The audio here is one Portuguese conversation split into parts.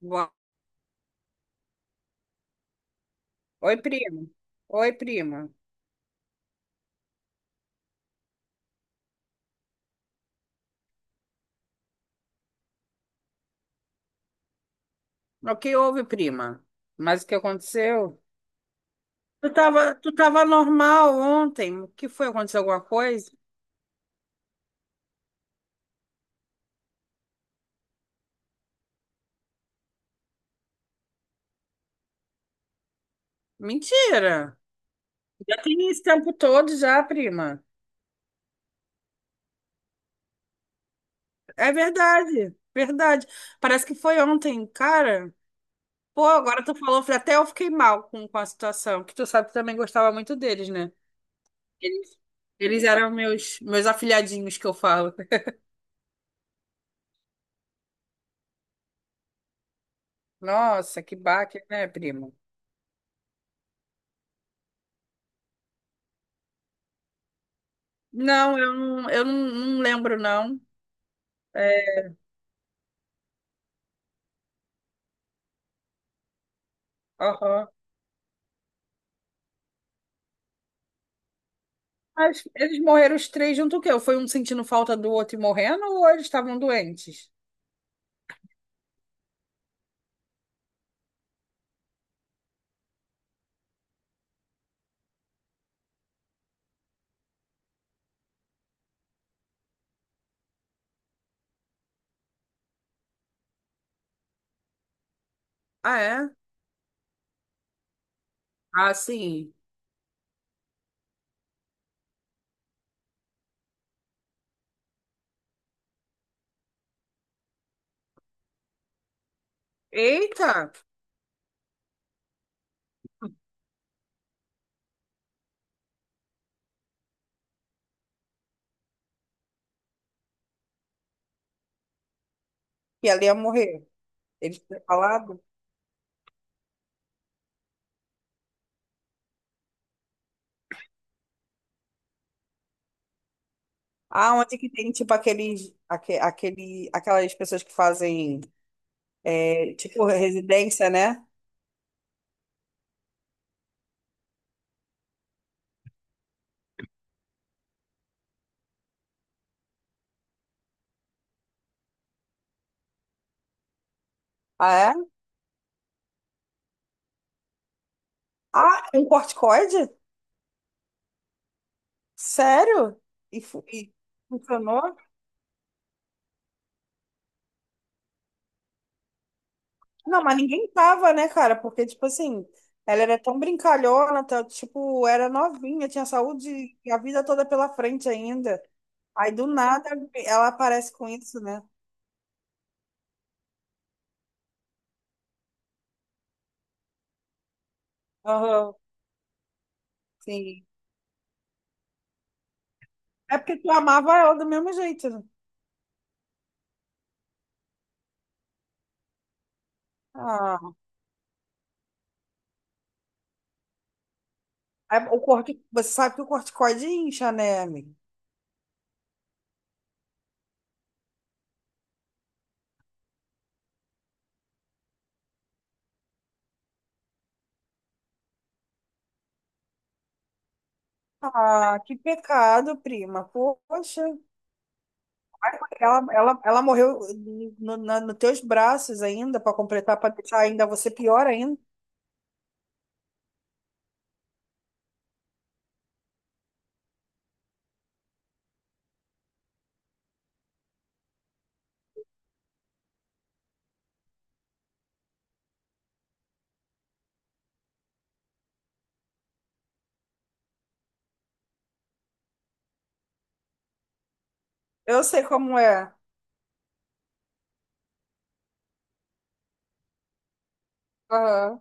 Boa- Oi, prima. Oi, prima. O que houve, prima? Mas o que aconteceu? Tu tava normal ontem. O que foi? Aconteceu alguma coisa? Mentira! Já tem esse tempo todo já, prima. É verdade, verdade. Parece que foi ontem, cara. Pô, agora tu falou, até eu fiquei mal com a situação, que tu sabe que também gostava muito deles, né? Eles, eles eram meus afilhadinhos que eu falo. Nossa, que baque, né, prima? Não, eu não lembro, não. É, aham. Mas eles morreram os três junto o quê? Foi um sentindo falta do outro e morrendo, ou eles estavam doentes? Ah, é? Ah, sim. Eita! E ela ia morrer. Eles tinham falado. Ah, onde que tem, tipo, aquelas pessoas que fazem, é, tipo, residência, né? Ah, é? Ah, um corticoide? Sério? E, e funcionou? Não, mas ninguém tava, né, cara? Porque, tipo assim, ela era tão brincalhona, tá, tipo, era novinha, tinha saúde e a vida toda pela frente ainda. Aí, do nada, ela aparece com isso, né? Aham, sim. É porque tu amava ela do mesmo jeito, né? Ah, é, o corte, você sabe que o corticoide incha, né, amiga? Ah, que pecado, prima. Poxa, ai, ela morreu no, na, nos teus braços ainda, pra completar, pra deixar ainda você pior ainda. Eu sei como é. Aham.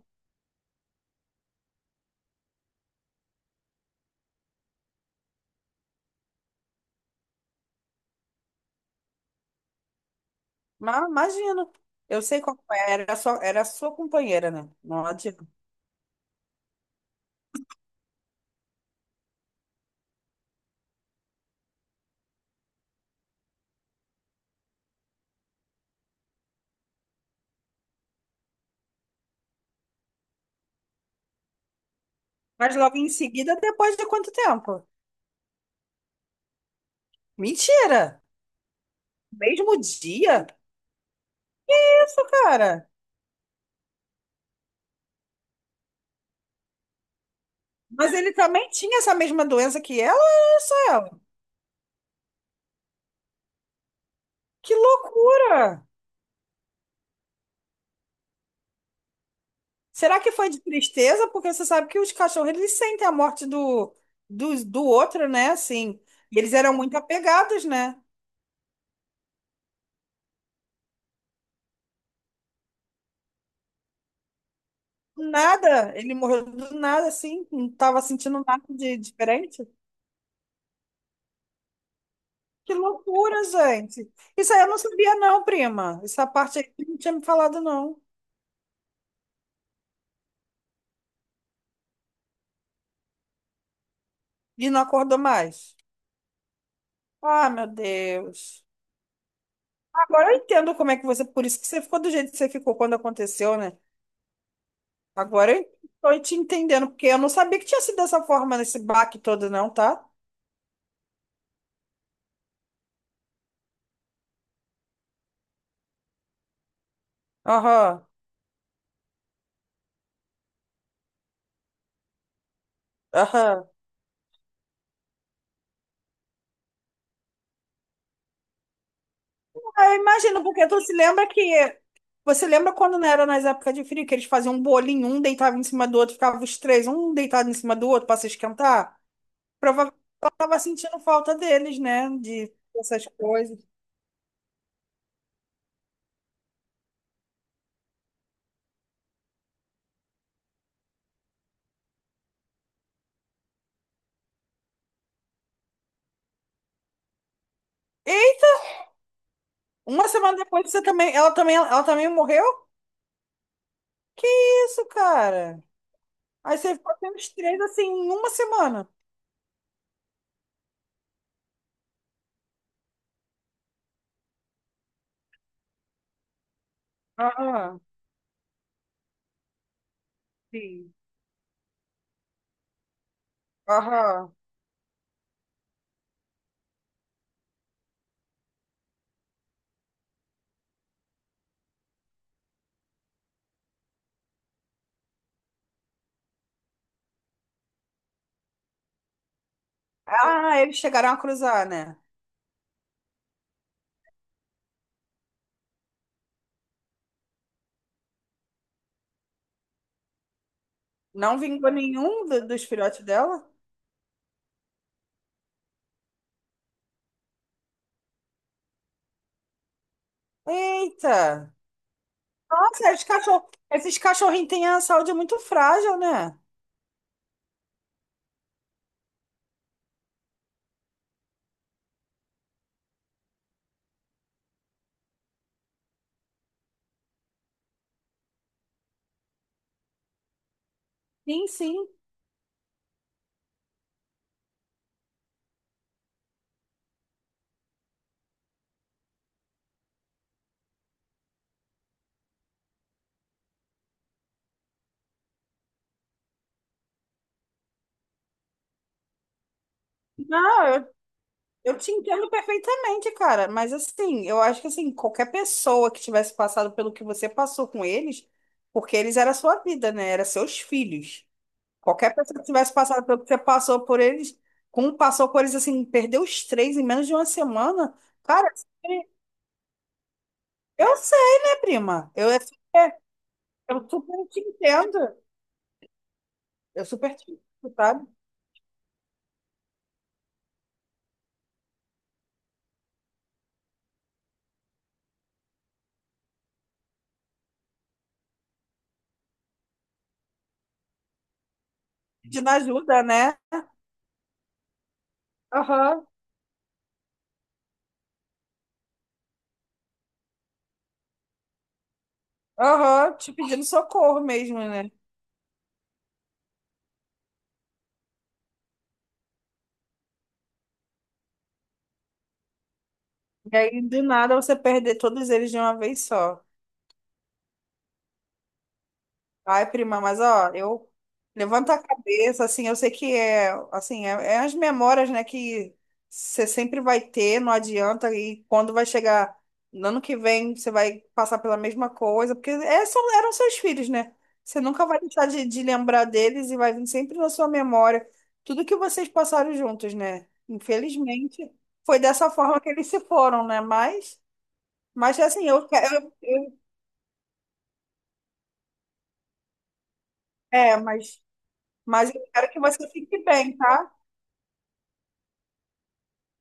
Mas imagino. Eu sei como é. Era sua companheira, né? Não adianta. Mas logo em seguida, depois de quanto tempo? Mentira! Mesmo dia? Isso, cara. Mas ele também tinha essa mesma doença que ela, olha só ela. Que loucura! Será que foi de tristeza? Porque você sabe que os cachorros, eles sentem a morte do outro, né? Assim. E eles eram muito apegados, né? Do nada. Ele morreu do nada, assim. Não tava sentindo nada de diferente. Que loucura, gente. Isso aí eu não sabia, não, prima. Essa parte aí não tinha me falado, não. E não acordou mais. Ah, meu Deus. Agora eu entendo como é que você. Por isso que você ficou do jeito que você ficou quando aconteceu, né? Agora eu estou te entendendo, porque eu não sabia que tinha sido dessa forma nesse baque todo, não, tá? Aham. Aham. Eu imagino, porque tu se lembra que. Você lembra quando não era nas épocas de frio, que eles faziam um bolinho, um deitava em cima do outro, ficavam os três, um deitado em cima do outro para se esquentar? Provavelmente ela estava sentindo falta deles, né? De essas coisas. Uma semana depois você também, ela também, ela também morreu? Que isso, cara? Aí você ficou tendo os três assim em uma semana. Aham, sim. Aham. Ah, eles chegaram a cruzar, né? Não vingou nenhum dos filhotes dela? Eita! Nossa, esses cachorrinhos têm a saúde muito frágil, né? Sim, sim. Não, eu te entendo perfeitamente, cara, mas assim, eu acho que assim, qualquer pessoa que tivesse passado pelo que você passou com eles, porque eles era sua vida, né? Era seus filhos. Qualquer pessoa que tivesse passado pelo que você passou por eles, como passou por eles assim, perdeu os três em menos de uma semana, cara, assim, eu sei, né, prima? Eu super te entendo. Eu super te entendo, sabe? Pedindo ajuda, né? Aham, aham, te pedindo socorro mesmo, né? E aí, do nada, você perder todos eles de uma vez só. Ai, prima, mas ó, eu levanto a cabeça, assim, eu sei que é, assim, é as memórias, né, que você sempre vai ter, não adianta, e quando vai chegar no ano que vem, você vai passar pela mesma coisa, porque são, eram seus filhos, né? Você nunca vai deixar de lembrar deles e vai vir sempre na sua memória tudo que vocês passaram juntos, né? Infelizmente, foi dessa forma que eles se foram, né? Mas. Mas assim, eu, eu, É, mas, mas eu quero que você fique bem, tá?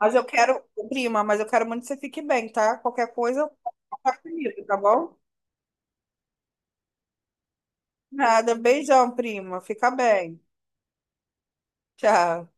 Mas eu quero, prima, mas eu quero muito que você fique bem, tá? Qualquer coisa, eu vou falar comigo, tá bom? Nada, beijão, prima. Fica bem. Tchau.